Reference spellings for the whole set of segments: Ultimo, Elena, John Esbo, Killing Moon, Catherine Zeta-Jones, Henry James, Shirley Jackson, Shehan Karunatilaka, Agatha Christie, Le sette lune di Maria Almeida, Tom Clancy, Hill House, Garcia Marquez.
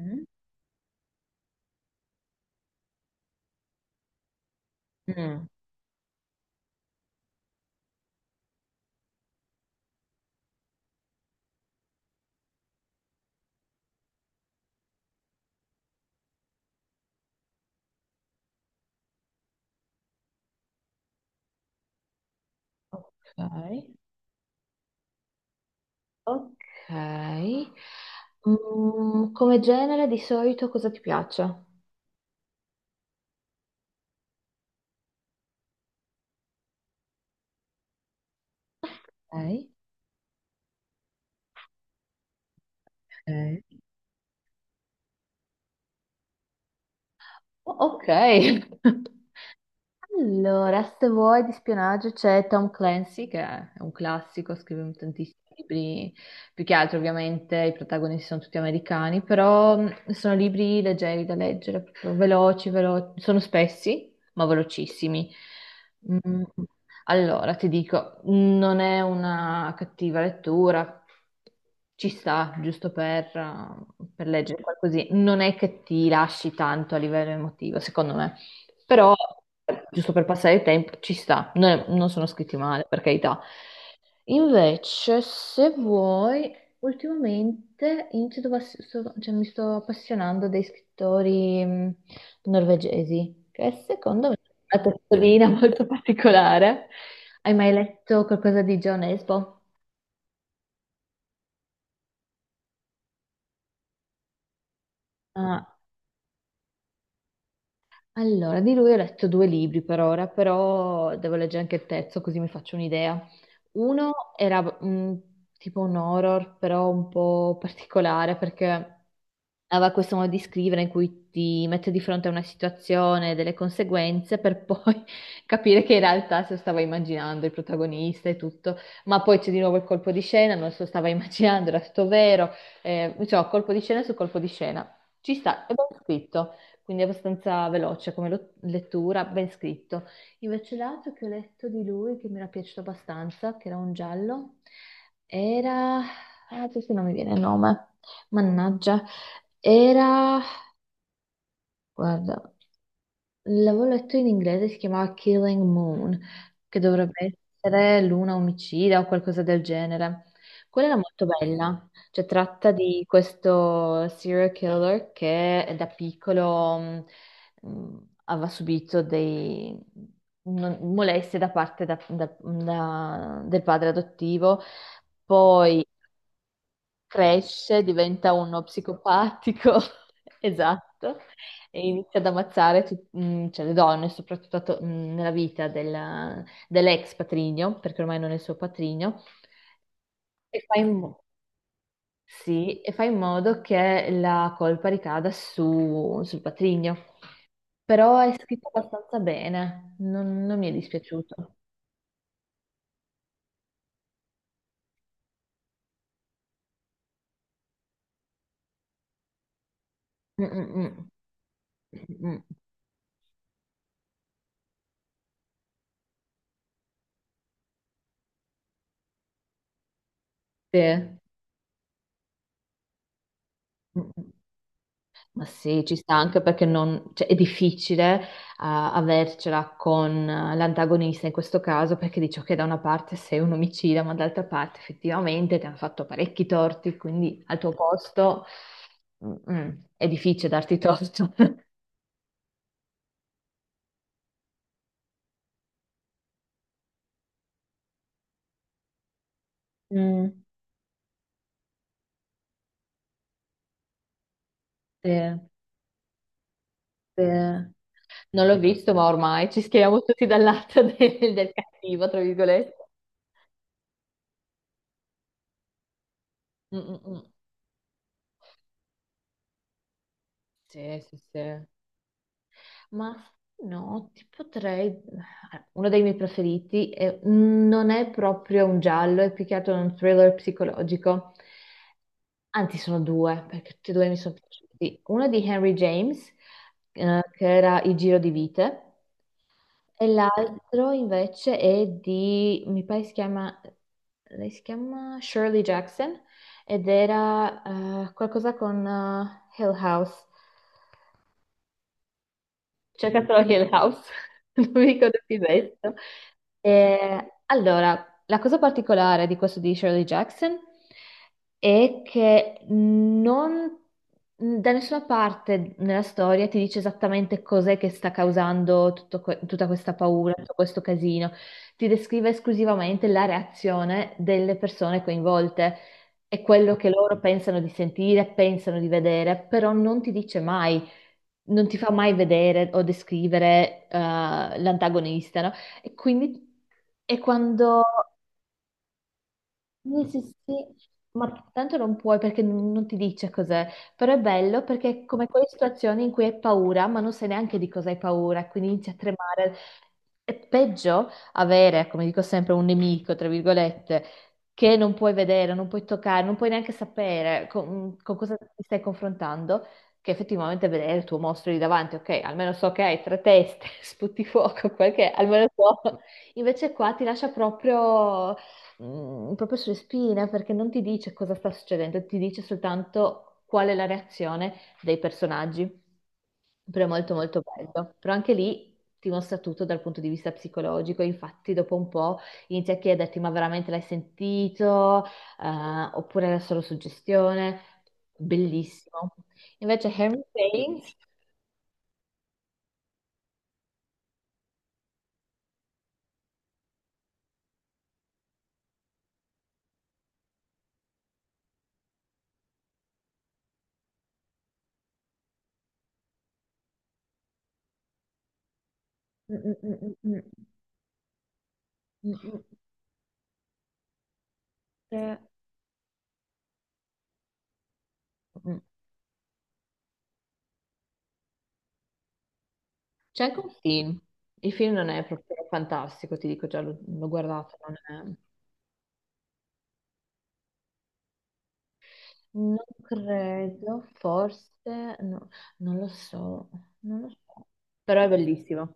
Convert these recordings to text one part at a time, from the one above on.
Mm, mm. Ok. Ok. Come genere di solito cosa ti piace? Ok. Ok. Oh, ok. Allora, se vuoi di spionaggio c'è Tom Clancy, che è un classico, scrive tantissimi libri, più che altro ovviamente i protagonisti sono tutti americani, però sono libri leggeri da leggere, proprio veloci, sono spessi, ma velocissimi. Mm, Allora, ti dico, non è una cattiva lettura, ci sta, giusto per leggere qualcosina, non è che ti lasci tanto a livello emotivo, secondo me, però giusto per passare il tempo, ci sta, non sono scritti male, per carità. Invece, se vuoi, ultimamente inizio a pass- sto- cioè, mi sto appassionando dei scrittori norvegesi, che secondo me ha una testolina molto particolare. Hai mai letto qualcosa di John Esbo? Ah, allora, di lui ho letto due libri per ora, però devo leggere anche il terzo così mi faccio un'idea. Uno era tipo un horror, però un po' particolare perché aveva questo modo di scrivere in cui ti mette di fronte a una situazione, delle conseguenze, per poi capire che in realtà se lo stava immaginando il protagonista e tutto, ma poi c'è di nuovo il colpo di scena, non se lo stava immaginando, era tutto vero, insomma, colpo di scena su colpo di scena. Ci sta, è ben scritto, quindi abbastanza veloce come lettura, ben scritto. Invece l'altro che ho letto di lui, che mi era piaciuto abbastanza, che era un giallo, era, ah, adesso non mi viene il nome, mannaggia, era, guarda. L'avevo letto in inglese, si chiamava Killing Moon, che dovrebbe essere Luna omicida o qualcosa del genere. Quella era molto bella, cioè tratta di questo serial killer che da piccolo mh, aveva subito dei molestie da parte del padre adottivo, poi cresce, diventa uno psicopatico, esatto, e inizia ad ammazzare cioè, le donne, soprattutto nella vita dell'ex patrigno, perché ormai non è il suo patrigno, e fa in, mo- sì, e fa in modo che la colpa ricada sul patrigno. Però è scritto abbastanza bene, non mi è dispiaciuto. Mm, mm, mm. Mm, mm. Sì. Mm, mm. Ma sì, ci sta anche perché cioè, è difficile avercela con l'antagonista in questo caso perché dice che da una parte sei un omicida, ma dall'altra parte effettivamente ti hanno fatto parecchi torti, quindi al tuo posto mm, mm, è difficile darti torto. Mm, sì, sì. Non l'ho visto, ma ormai ci schieriamo tutti dal lato del cattivo, tra virgolette. Mm, mm, mm. Sì, sì, sì. Ma no, ti potrei. Uno dei miei preferiti non è proprio un giallo, è più che altro un thriller psicologico. Anzi, sono due, perché tutti e due mi sono piaciuti. Uno di Henry James, che era Il giro di vite, e l'altro invece è di, mi pare si chiama, lei si chiama Shirley Jackson, ed era qualcosa con Hill House. Cercatelo anche il house, non mi ricordo più il resto. Allora, la cosa particolare di questo di Shirley Jackson è che non da nessuna parte nella storia ti dice esattamente cos'è che sta causando tutto tutta questa paura, tutto questo casino. Ti descrive esclusivamente la reazione delle persone coinvolte e quello che loro pensano di sentire, pensano di vedere, però non ti dice mai, non ti fa mai vedere o descrivere l'antagonista, no? E quindi, e quando, sì, sì, sì, ma tanto non puoi perché non ti dice cos'è, però è bello perché è come quelle situazioni in cui hai paura, ma non sai neanche di cosa hai paura, quindi inizi a tremare. È peggio avere, come dico sempre, un nemico, tra virgolette, che non puoi vedere, non puoi toccare, non puoi neanche sapere con cosa ti stai confrontando, che effettivamente vedere il tuo mostro lì davanti, ok, almeno so che hai tre teste, sputi fuoco, quel che è, almeno so. Invece qua ti lascia proprio proprio sulle spine perché non ti dice cosa sta succedendo, ti dice soltanto qual è la reazione dei personaggi. Però è molto molto bello. Però anche lì ti mostra tutto dal punto di vista psicologico. Infatti, dopo un po' inizia a chiederti: ma veramente l'hai sentito? Oppure era solo suggestione? Bellissimo. Invece, Henry James. Mm, mm, mm, mm, mm, mm, mm, eh, mm, C'è anche un film. Il film non è proprio fantastico, ti dico già, l'ho guardato, non è. Non credo, forse, no, non lo so, non lo so. Però è bellissimo.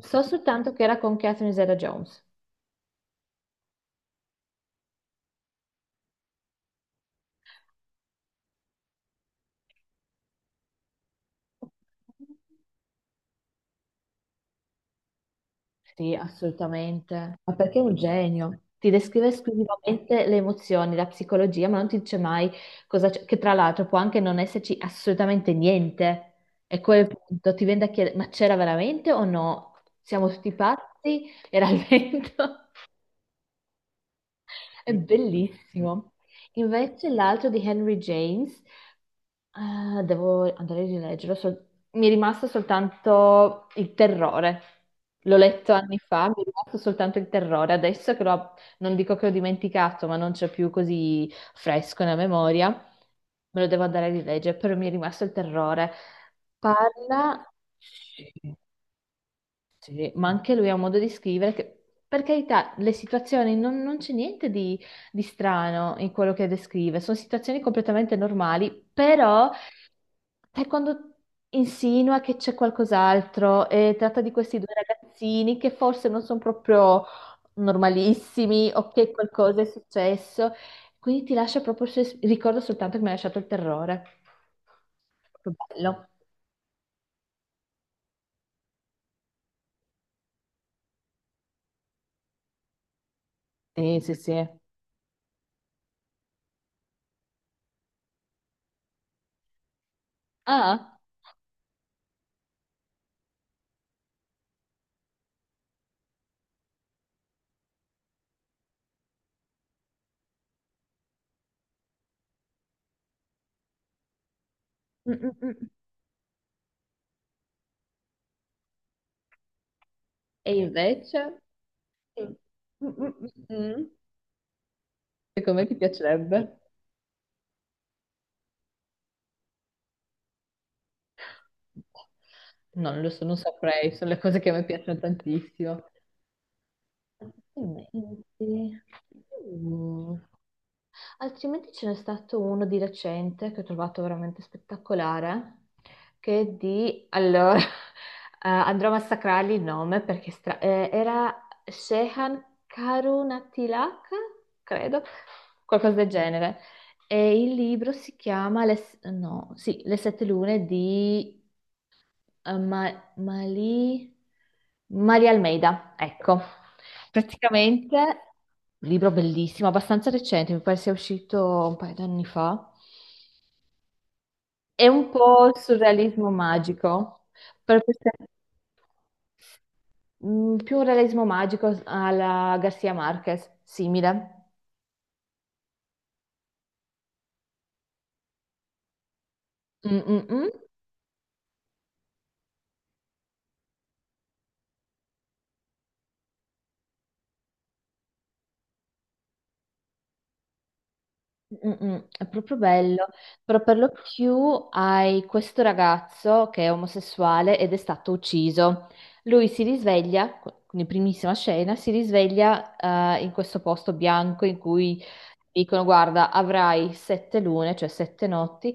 So soltanto che era con Catherine Zeta-Jones. Sì, assolutamente. Ma perché è un genio? Ti descrive esclusivamente le emozioni, la psicologia, ma non ti dice mai cosa c'è, che tra l'altro può anche non esserci assolutamente niente. E a quel punto ti viene da chiedere, ma c'era veramente o no? Siamo tutti pazzi? Era il vento? È bellissimo. Invece l'altro di Henry James, devo andare a rileggerlo. Mi è rimasto soltanto il terrore. L'ho letto anni fa, mi è rimasto soltanto il terrore. Adesso che l'ho, non dico che l'ho dimenticato, ma non c'è più così fresco nella memoria, me lo devo andare a rileggere, però mi è rimasto il terrore. Parla. Sì, ma anche lui ha un modo di scrivere che, per carità, le situazioni non c'è niente di strano in quello che descrive, sono situazioni completamente normali, però sai quando insinua che c'è qualcos'altro e tratta di questi due ragazzini che forse non sono proprio normalissimi o che qualcosa è successo, quindi ti lascia proprio, il ricordo soltanto che mi ha lasciato il terrore. Proprio bello. Sì, sì, sì. Ah. Mm, mm, mm. E invece? Mm, mm, mm, mm. Secondo me ti piacerebbe? Non lo so, non saprei, sono le cose che a me piacciono tantissimo. Altrimenti, mm. Altrimenti ce n'è stato uno di recente che ho trovato veramente spettacolare, che è di. Allora, andrò a massacrargli il nome perché è era Shehan Karunatilaka, credo, qualcosa del genere. E il libro si chiama Le, no, sì, Le sette lune di eh, Ma- Mali- Maria Almeida. Ecco, praticamente un libro bellissimo, abbastanza recente, mi pare sia uscito un paio di anni fa. È un po' il surrealismo magico, per questa- più un realismo magico alla Garcia Marquez, simile. Mm, mm, mm. Mm-mm, è proprio bello, però per lo più hai questo ragazzo che è omosessuale ed è stato ucciso. Lui si risveglia, in primissima scena, si risveglia in questo posto bianco in cui dicono: Guarda, avrai sette lune, cioè sette notti,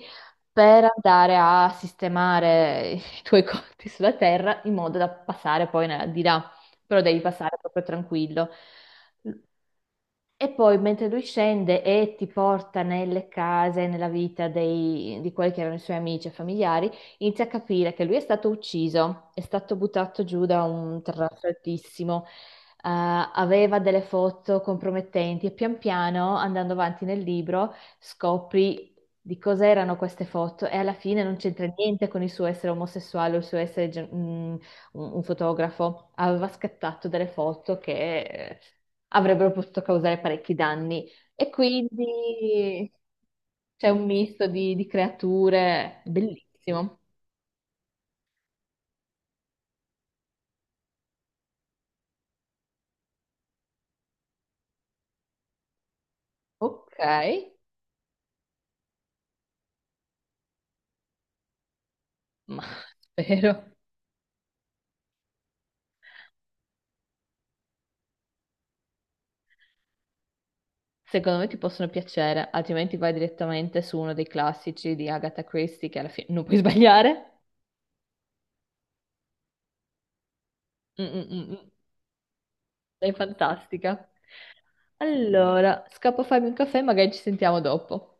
per andare a sistemare i tuoi conti sulla terra in modo da passare poi di là, però devi passare proprio tranquillo. E poi mentre lui scende e ti porta nelle case, nella vita di quelli che erano i suoi amici e familiari, inizia a capire che lui è stato ucciso, è stato buttato giù da un terrazzo altissimo, aveva delle foto compromettenti e pian piano, andando avanti nel libro, scopri di cosa erano queste foto e alla fine non c'entra niente con il suo essere omosessuale o il suo essere un fotografo, aveva scattato delle foto che avrebbero potuto causare parecchi danni. E quindi c'è un misto di creature bellissimo. Ok, ma spero. Secondo me ti possono piacere, altrimenti vai direttamente su uno dei classici di Agatha Christie, che alla fine non puoi sbagliare. Mm, mm, mm, mm. Sei fantastica. Allora, scappo a farmi un caffè, magari ci sentiamo dopo.